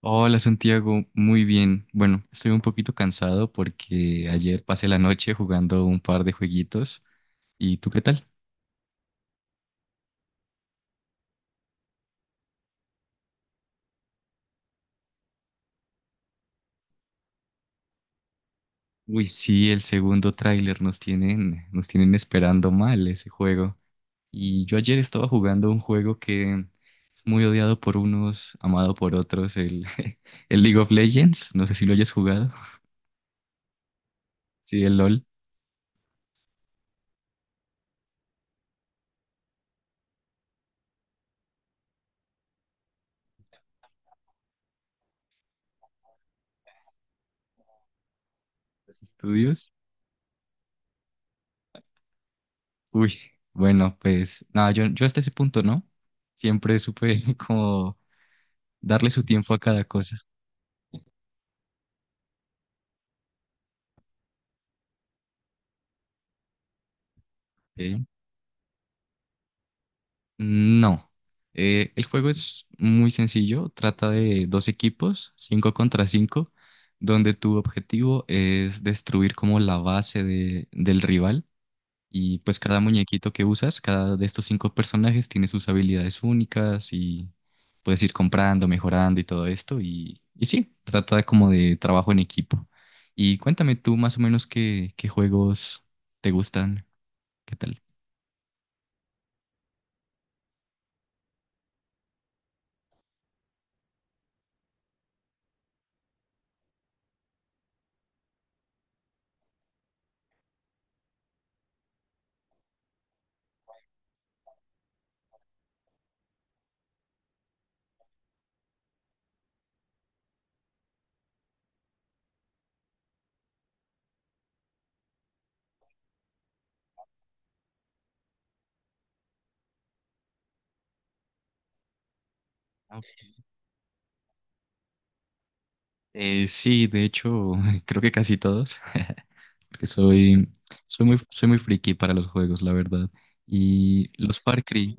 Hola Santiago, muy bien. Bueno, estoy un poquito cansado porque ayer pasé la noche jugando un par de jueguitos. ¿Y tú qué tal? Uy, sí, el segundo tráiler nos tienen esperando mal ese juego. Y yo ayer estaba jugando un juego que es muy odiado por unos, amado por otros, el League of Legends. No sé si lo hayas jugado. Sí, el LOL, los estudios. Uy, bueno, pues nada, yo hasta ese punto, ¿no? Siempre supe como darle su tiempo a cada cosa. ¿Ok? No. El juego es muy sencillo. Trata de dos equipos, cinco contra cinco, donde tu objetivo es destruir como la base del rival. Y pues cada muñequito que usas, cada de estos cinco personajes tiene sus habilidades únicas y puedes ir comprando, mejorando y todo esto. Y sí, trata como de trabajo en equipo. Y cuéntame tú más o menos qué juegos te gustan, ¿qué tal? Sí, de hecho, creo que casi todos, porque soy muy friki para los juegos, la verdad. Y los Far Cry,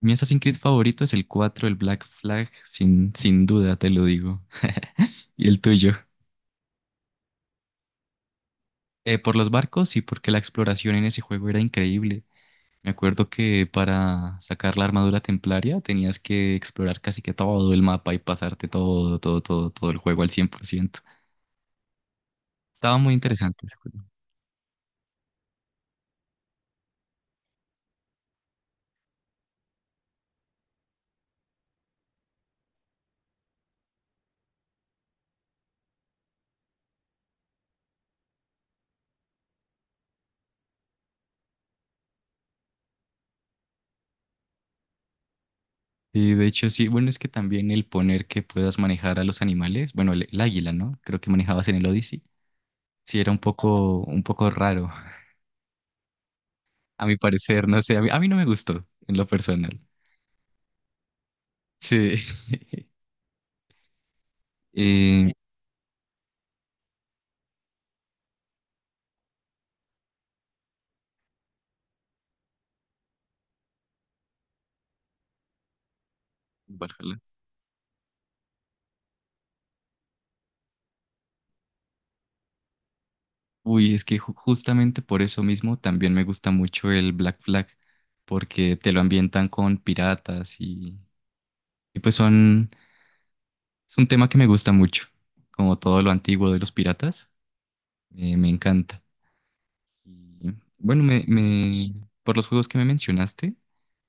mi Assassin's Creed favorito es el 4, el Black Flag, sin duda te lo digo. Y el tuyo. Por los barcos y porque la exploración en ese juego era increíble. Me acuerdo que para sacar la armadura templaria tenías que explorar casi que todo el mapa y pasarte todo, todo, todo, todo el juego al 100%. Estaba muy interesante ese juego. Y de hecho sí, bueno, es que también el poner que puedas manejar a los animales, bueno, el águila, ¿no? Creo que manejabas en el Odyssey, sí era un poco raro, a mi parecer, no sé, a mí no me gustó en lo personal. Sí. Eh, Valhalla. Uy, es que justamente por eso mismo también me gusta mucho el Black Flag, porque te lo ambientan con piratas y pues son, es un tema que me gusta mucho, como todo lo antiguo de los piratas, me encanta. Y bueno, por los juegos que me mencionaste,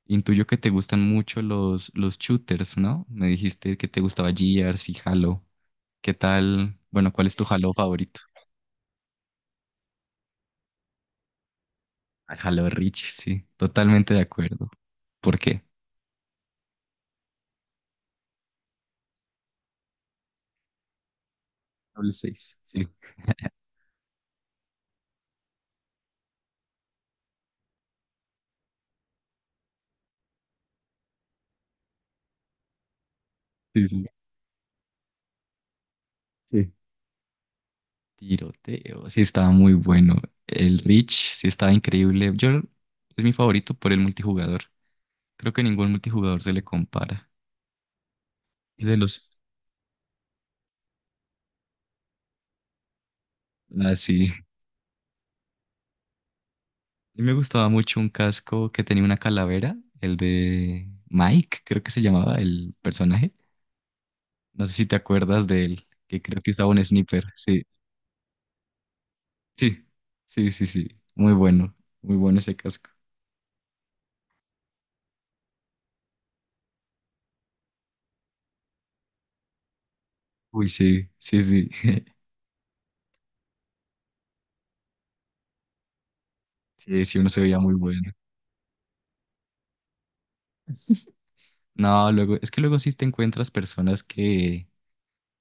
intuyo que te gustan mucho los shooters, ¿no? Me dijiste que te gustaba Gears y Halo. ¿Qué tal? Bueno, ¿cuál es tu Halo favorito? Ah, Halo Reach, sí, totalmente de acuerdo. ¿Por qué? Halo 6. Sí, sí, sí, sí. Tiroteo, sí estaba muy bueno. El Reach, sí estaba increíble. Yo es mi favorito por el multijugador. Creo que ningún multijugador se le compara. Y de los... Ah, sí. Y me gustaba mucho un casco que tenía una calavera, el de Mike, creo que se llamaba el personaje. No sé si te acuerdas de él, que creo que usaba un sniper. Sí, sí, sí, sí, sí. Muy bueno, muy bueno ese casco. Uy, sí, sí, sí. Sí, sí, uno se veía muy bueno. No, luego, es que luego sí te encuentras personas que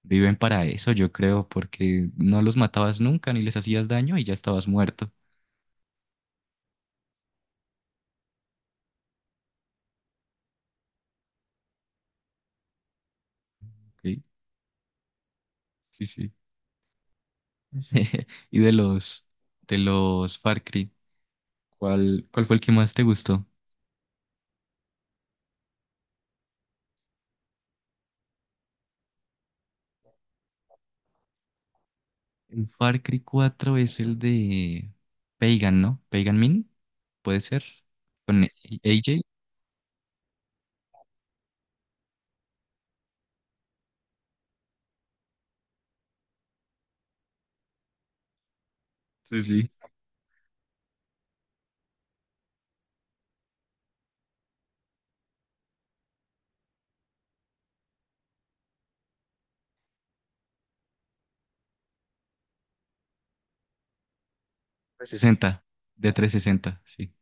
viven para eso, yo creo, porque no los matabas nunca ni les hacías daño y ya estabas muerto. Ok, sí, sí. Y de los Far Cry. ¿Cuál fue el que más te gustó? El Far Cry 4 es el de Pagan, ¿no? Pagan Min, puede ser. Con AJ. Sí, sí. 360, de 360, sí.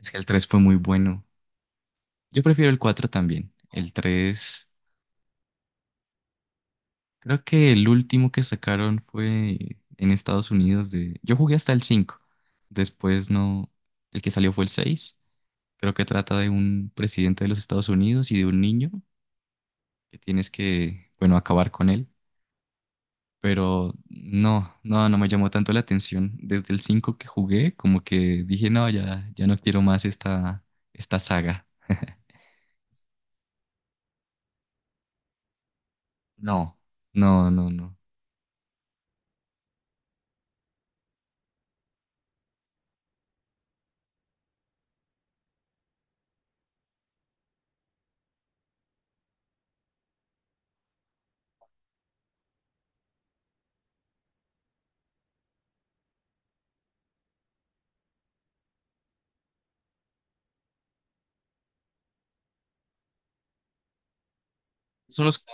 Es que el tres fue muy bueno. Yo prefiero el cuatro también. El 3, creo que el último que sacaron fue en Estados Unidos de... Yo jugué hasta el 5. Después no... El que salió fue el seis, pero que trata de un presidente de los Estados Unidos y de un niño que tienes que, bueno, acabar con él. Pero no, no, no me llamó tanto la atención. Desde el 5 que jugué, como que dije, no, ya no quiero más esta saga. No, no, no, no. Son los,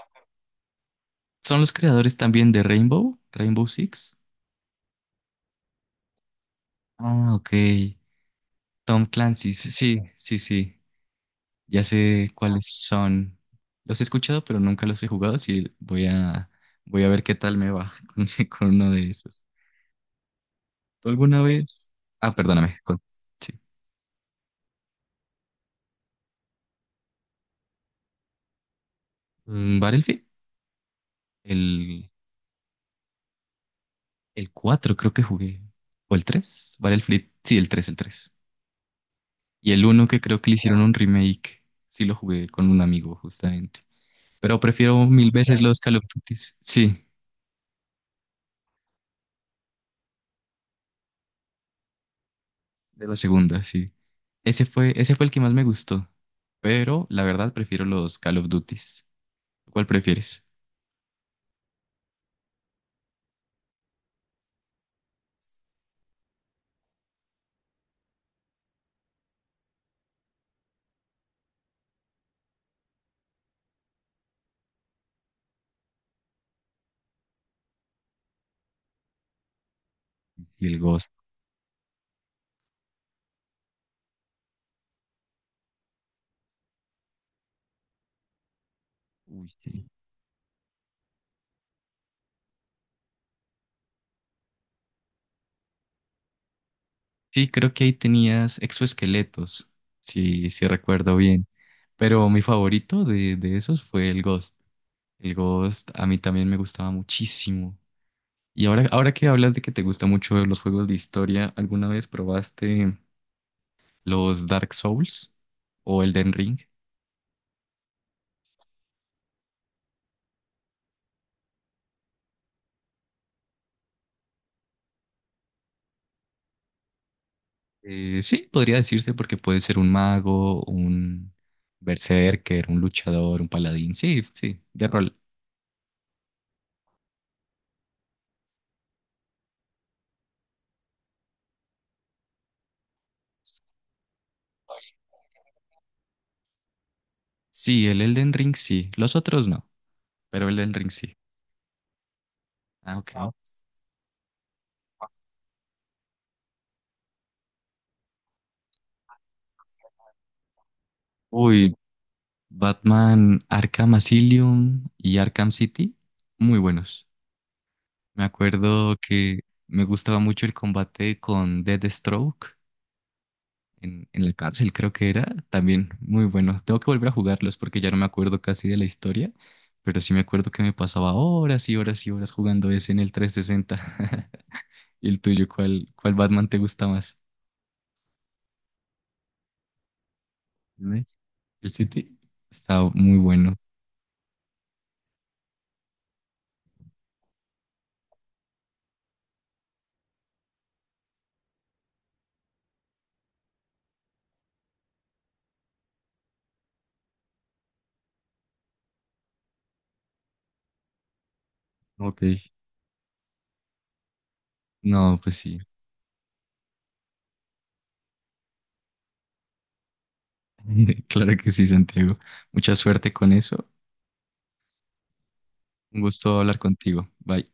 son los creadores también de Rainbow Six. Ah, ok. Tom Clancy, sí, sí, sí, sí. Ya sé cuáles son. Los he escuchado, pero nunca los he jugado, así voy a ver qué tal me va con uno de esos. ¿Tú alguna vez? Ah, perdóname. Sí. Mm, Battlefield. El, el 4 creo que jugué. ¿O el 3? Battlefield. Sí, el tres. Y el uno que creo que le hicieron un remake. Sí, lo jugué con un amigo, justamente. Pero prefiero mil veces los Call of Duty. Sí, de la segunda, sí. Ese fue el que más me gustó. Pero la verdad prefiero los Call of Duty. ¿Cuál prefieres? Y el Ghost. Uy, sí. Sí, creo que ahí tenías exoesqueletos. Sí, sí recuerdo bien. Pero mi favorito de esos fue el Ghost. El Ghost a mí también me gustaba muchísimo. Y ahora que hablas de que te gustan mucho los juegos de historia, ¿alguna vez probaste los Dark Souls o el Den Ring? Sí, podría decirse porque puede ser un mago, un berserker, un luchador, un paladín. Sí, sí, de rol. Sí, el Elden Ring sí. Los otros no, pero el Elden Ring sí. Ah, ok. Ah. Uy, Batman Arkham Asylum y Arkham City, muy buenos. Me acuerdo que me gustaba mucho el combate con Deathstroke en la cárcel, creo que era, también muy bueno. Tengo que volver a jugarlos porque ya no me acuerdo casi de la historia, pero sí me acuerdo que me pasaba horas y horas y horas jugando ese en el 360. ¿Y el tuyo, cuál Batman te gusta más? ¿Ves? ¿El City? Está muy bueno. Ok. No, pues sí. Claro que sí, Santiago. Mucha suerte con eso. Un gusto hablar contigo. Bye.